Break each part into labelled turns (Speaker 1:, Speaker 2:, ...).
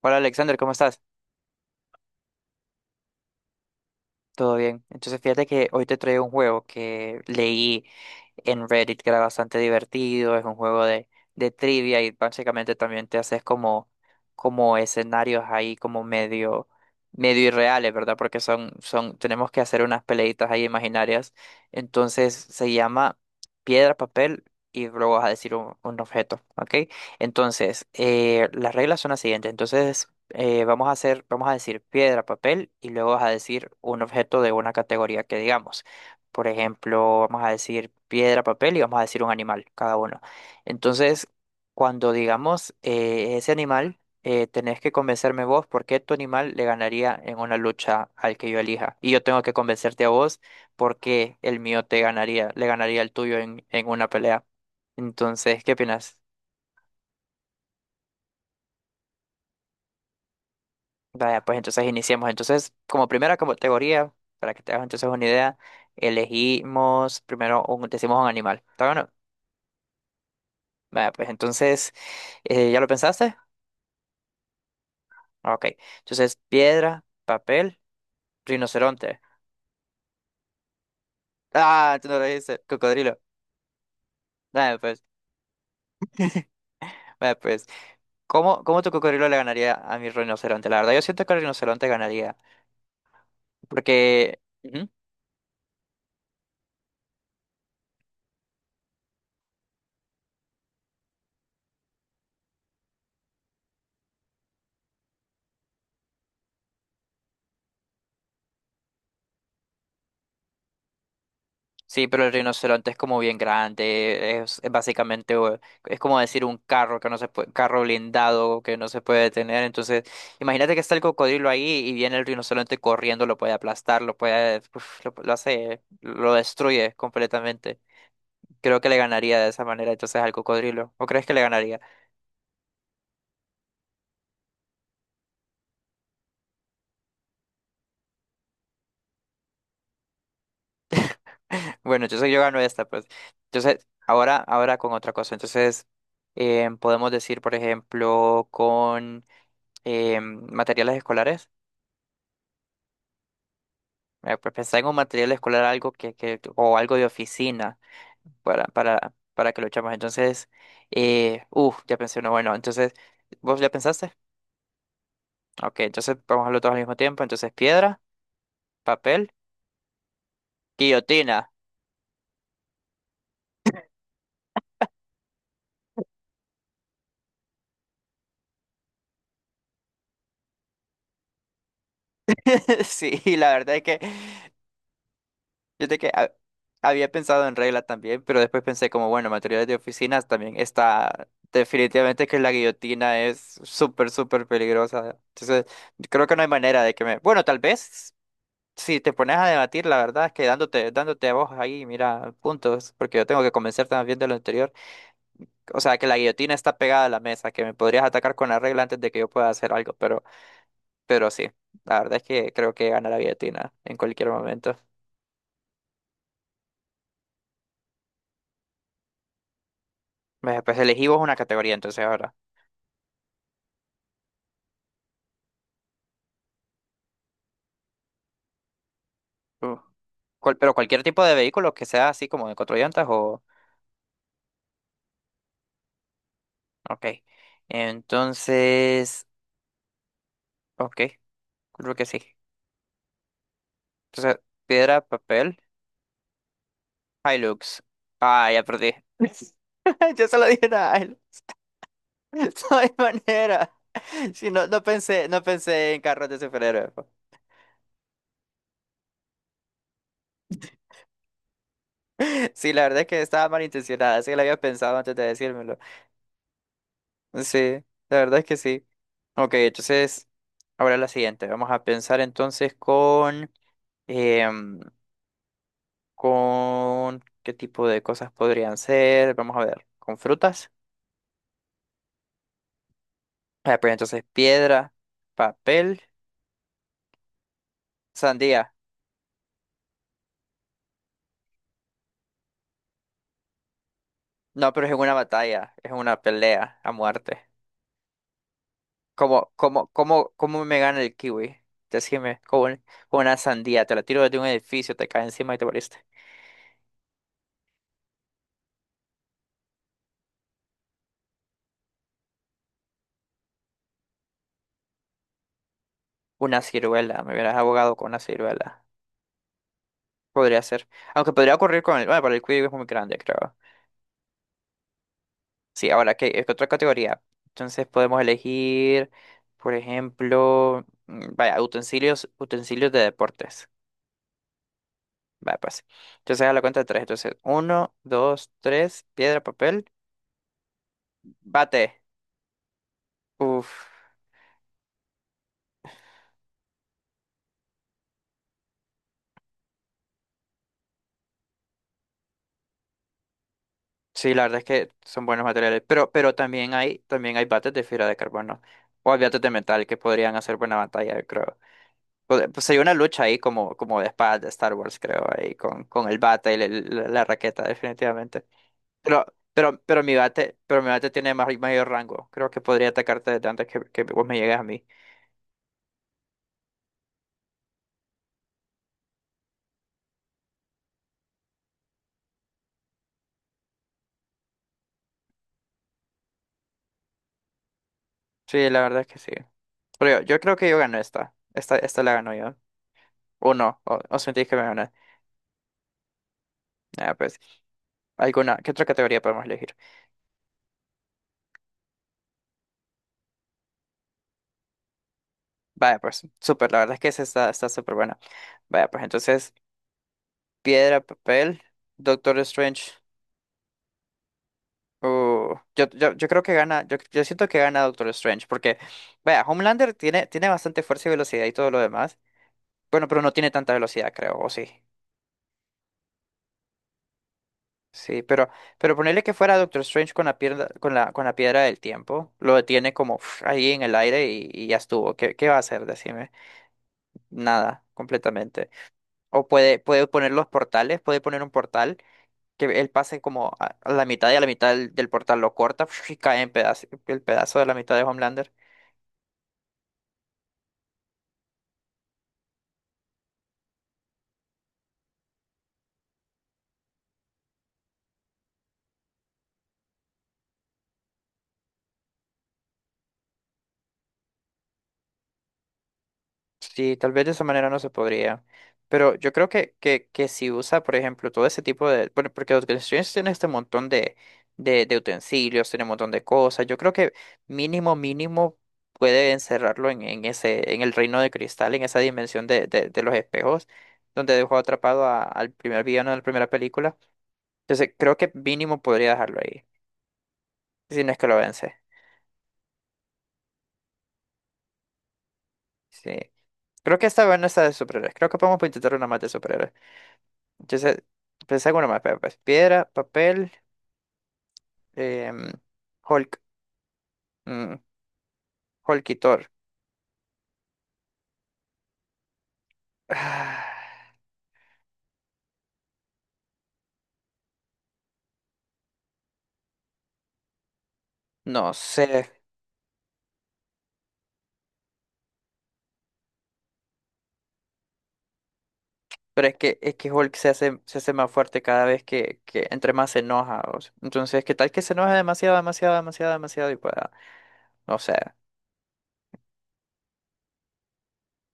Speaker 1: Hola Alexander, ¿cómo estás? Todo bien. Entonces fíjate que hoy te traigo un juego que leí en Reddit que era bastante divertido, es un juego de trivia y básicamente también te haces como escenarios ahí como medio irreales, ¿verdad? Porque tenemos que hacer unas peleitas ahí imaginarias. Entonces se llama piedra, papel y luego vas a decir un objeto, ¿ok? Entonces, las reglas son las siguientes. Entonces, vamos a hacer, vamos a decir piedra, papel y luego vas a decir un objeto de una categoría que digamos. Por ejemplo, vamos a decir piedra, papel y vamos a decir un animal, cada uno. Entonces, cuando digamos ese animal, tenés que convencerme vos por qué tu animal le ganaría en una lucha al que yo elija. Y yo tengo que convencerte a vos por qué el mío te ganaría, le ganaría al tuyo en una pelea. Entonces, ¿qué opinas? Vaya, pues entonces iniciemos. Entonces, como primera categoría, para que te hagas entonces una idea, elegimos primero un, decimos un animal. ¿Está bueno? Vaya, pues entonces, ¿ya lo pensaste? Ah, ok. Entonces, piedra, papel, rinoceronte. Ah, tú no lo dices, cocodrilo. Vaya, pues, vaya, pues. ¿Cómo, cómo tu cocodrilo le ganaría a mi rinoceronte? La verdad, yo siento que el rinoceronte ganaría. Porque. Ujú. Sí, pero el rinoceronte es como bien grande, es básicamente, es como decir un carro que no se puede, carro blindado que no se puede detener. Entonces, imagínate que está el cocodrilo ahí y viene el rinoceronte corriendo, lo puede aplastar, lo puede, uf, lo hace, lo destruye completamente. Creo que le ganaría de esa manera entonces al cocodrilo. ¿O crees que le ganaría? Bueno, entonces yo gano esta, pues. Entonces, ahora con otra cosa. Entonces, podemos decir, por ejemplo, con materiales escolares. Pues pensar en un material escolar algo que o algo de oficina para que lo echamos. Entonces, ya pensé uno, bueno, entonces, ¿vos ya pensaste? Ok, entonces vamos a hacerlo todos al mismo tiempo. Entonces, piedra, papel, guillotina. Sí, la verdad es que yo había pensado en regla también, pero después pensé como, bueno, materiales de oficinas también está definitivamente que la guillotina es súper, súper peligrosa. Entonces, creo que no hay manera de que me... Bueno, tal vez. Si te pones a debatir, la verdad es que dándote a vos ahí, mira, puntos, porque yo tengo que convencer también de lo anterior. O sea, que la guillotina está pegada a la mesa, que me podrías atacar con la regla antes de que yo pueda hacer algo, pero sí, la verdad es que creo que gana la guillotina en cualquier momento. Me- Pues elegí vos una categoría, entonces ahora. Uh. Cual- pero cualquier tipo de vehículo que sea así como de cuatro llantas o... Ok. Entonces... Ok, creo que sí. Entonces, piedra, papel. Hilux. Ah, ya perdí. Yo solo dije nada. Hilux. No hay manera. Si no, no pensé en carros de superhéroes. Po. Sí, la verdad es que estaba malintencionada. Sí, que lo había pensado antes de decírmelo. Sí, la verdad es que sí. Ok, entonces, ahora la siguiente. Vamos a pensar entonces con, em, con qué tipo de cosas podrían ser. Vamos a ver, con frutas. Ah, pues entonces, piedra, papel, sandía. No, pero es una batalla, es una pelea a muerte. ¿Cómo me gana el kiwi? Decime, con una sandía, te la tiro desde un edificio, te cae encima y te moriste. Una ciruela, me hubieras abogado con una ciruela. Podría ser. Aunque podría ocurrir con el... Bueno, pero el kiwi es muy grande, creo. Sí, ahora, ¿qué, es otra categoría? Entonces podemos elegir, por ejemplo, mm, vaya, utensilios de deportes. Vaya, pues. Entonces a la cuenta de tres. Entonces, uno, dos, tres, piedra, papel. Bate. Uf. Sí, la verdad es que son buenos materiales. Pero también hay bates de fibra de carbono. O hay bates de metal que podrían hacer buena batalla, yo creo. Pod- Pues sería una lucha ahí como de espadas de Star Wars, creo, ahí con el bate y la raqueta, definitivamente. Pero, pero mi bate tiene más, mayor rango. Creo que podría atacarte desde antes que vos me llegues a mí. Sí, la verdad es que sí. Pero yo creo que yo gano esta. Esta la gano yo. O no, o sentís que me gané. Ah, pues. ¿Alguna? ¿Qué otra categoría podemos elegir? Vaya, pues, súper, la verdad es que esa está, está súper buena. Vaya, pues entonces, piedra, papel, Doctor Strange. Yo creo que gana, yo siento que gana Doctor Strange, porque, vaya, Homelander tiene, tiene bastante fuerza y velocidad y todo lo demás. Bueno, pero no tiene tanta velocidad, creo, o sí. Sí, pero ponerle que fuera Doctor Strange con la piedra, con con la piedra del tiempo, lo detiene como uf, ahí en el aire y ya estuvo. ¿Qué, qué va a hacer? Decime. Nada, completamente. O puede poner los portales, puede poner un portal que él pase como a la mitad y a la mitad del portal lo corta y cae en pedazo, el pedazo de la mitad de Homelander. Sí, tal vez de esa manera no se podría. Pero yo creo que si usa, por ejemplo, todo ese tipo de... bueno, porque Doctor Strange tiene este montón de utensilios, tiene un montón de cosas. Yo creo que mínimo, mínimo puede encerrarlo en ese, en el reino de cristal, en esa dimensión de los espejos, donde dejó atrapado a- al primer villano de la primera película. Entonces, creo que mínimo podría dejarlo ahí. Si no es que lo vence. Sí. Creo que esta vez no está de superhéroes. Creo que podemos intentar una más de superhéroes. Entonces, pensé en una más. Pero, pues, piedra, papel, em, Hulk. Mm, Hulk y Thor. Ah, no sé. Pero es que Hulk se hace más fuerte cada vez que entre más se enoja. O sea, entonces, ¿qué tal que se enoja demasiado, demasiado, demasiado, demasiado? Y pueda. No sé.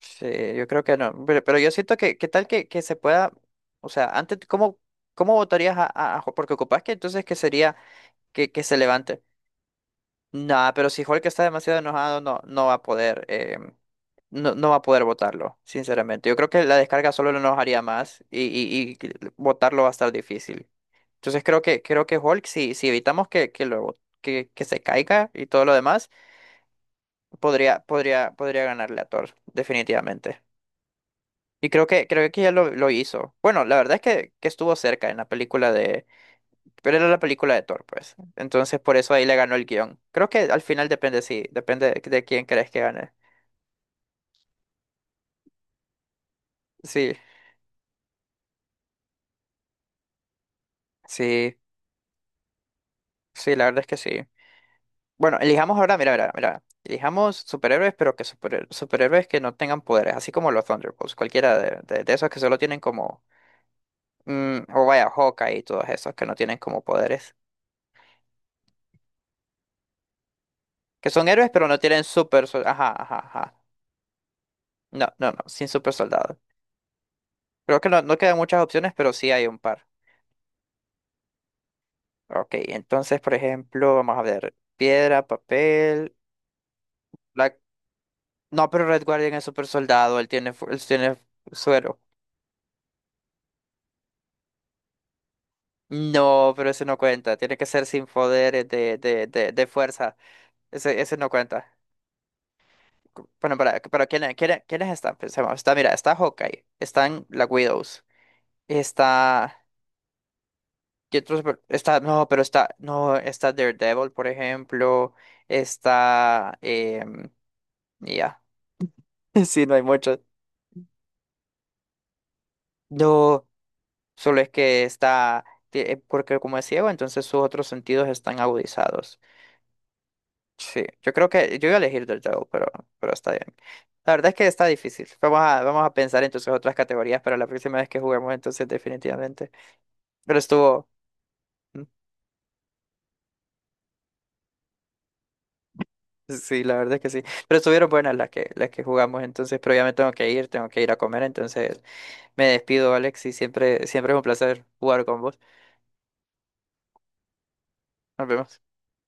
Speaker 1: Sí, yo creo que no. Pero yo siento que, ¿qué tal que se pueda, o sea, antes, ¿cómo, cómo votarías a, a Hulk? Porque ocupas que entonces que sería que se levante. Nah, pero si Hulk está demasiado enojado, no va a poder, no va a poder votarlo, sinceramente. Yo creo que la descarga solo lo enojaría más y, y que votarlo va a estar difícil. Entonces creo que Hulk, si, si evitamos que lo que se caiga y todo lo demás, podría ganarle a Thor, definitivamente. Y creo que ya lo hizo. Bueno, la verdad es que estuvo cerca en la película de... Pero era la película de Thor, pues. Entonces por eso ahí le ganó el guión. Creo que al final depende, sí. Depende de quién crees que gane. Sí, sí, sí, la verdad es que sí. Bueno, elijamos ahora, mira, mira, mira. Elijamos superhéroes, pero que superhéroes que no tengan poderes, así como los Thunderbolts. Cualquiera de, de esos que solo tienen como... mm, o vaya, Hawkeye y todos esos que no tienen como poderes. Que son héroes, pero no tienen super... Sol- ajá, ajá. No, no, no, sin super soldado. Creo que no, no quedan muchas opciones, pero sí hay un par. Ok, entonces, por ejemplo, vamos a ver. Piedra, papel. Black... No, pero Red Guardian es super soldado, él tiene, él tiene suero. No, pero ese no cuenta. Tiene que ser sin poderes de fuerza. Ese no cuenta. Cu- Bueno, para ¿quién, quiénes están? Pensemos. Está, mira, está Hawkeye. Están la Widows. Está. ¿Qué otro super- Está. No, pero está. No, está Daredevil, por ejemplo. Está. Em, ya. Sí, no hay mucho. No, solo es que está, porque como es ciego, entonces sus otros sentidos están agudizados. Sí, yo creo que yo voy a elegir del Drago, pero está bien. La verdad es que está difícil. Vamos a, vamos a pensar entonces otras categorías para la próxima vez que juguemos, entonces definitivamente. Pero estuvo, mm, sí, la verdad es que sí. Pero estuvieron buenas las que jugamos, entonces, pero ya me tengo que ir a comer, entonces me despido, Alex, y siempre, siempre es un placer jugar con vos. Nos vemos.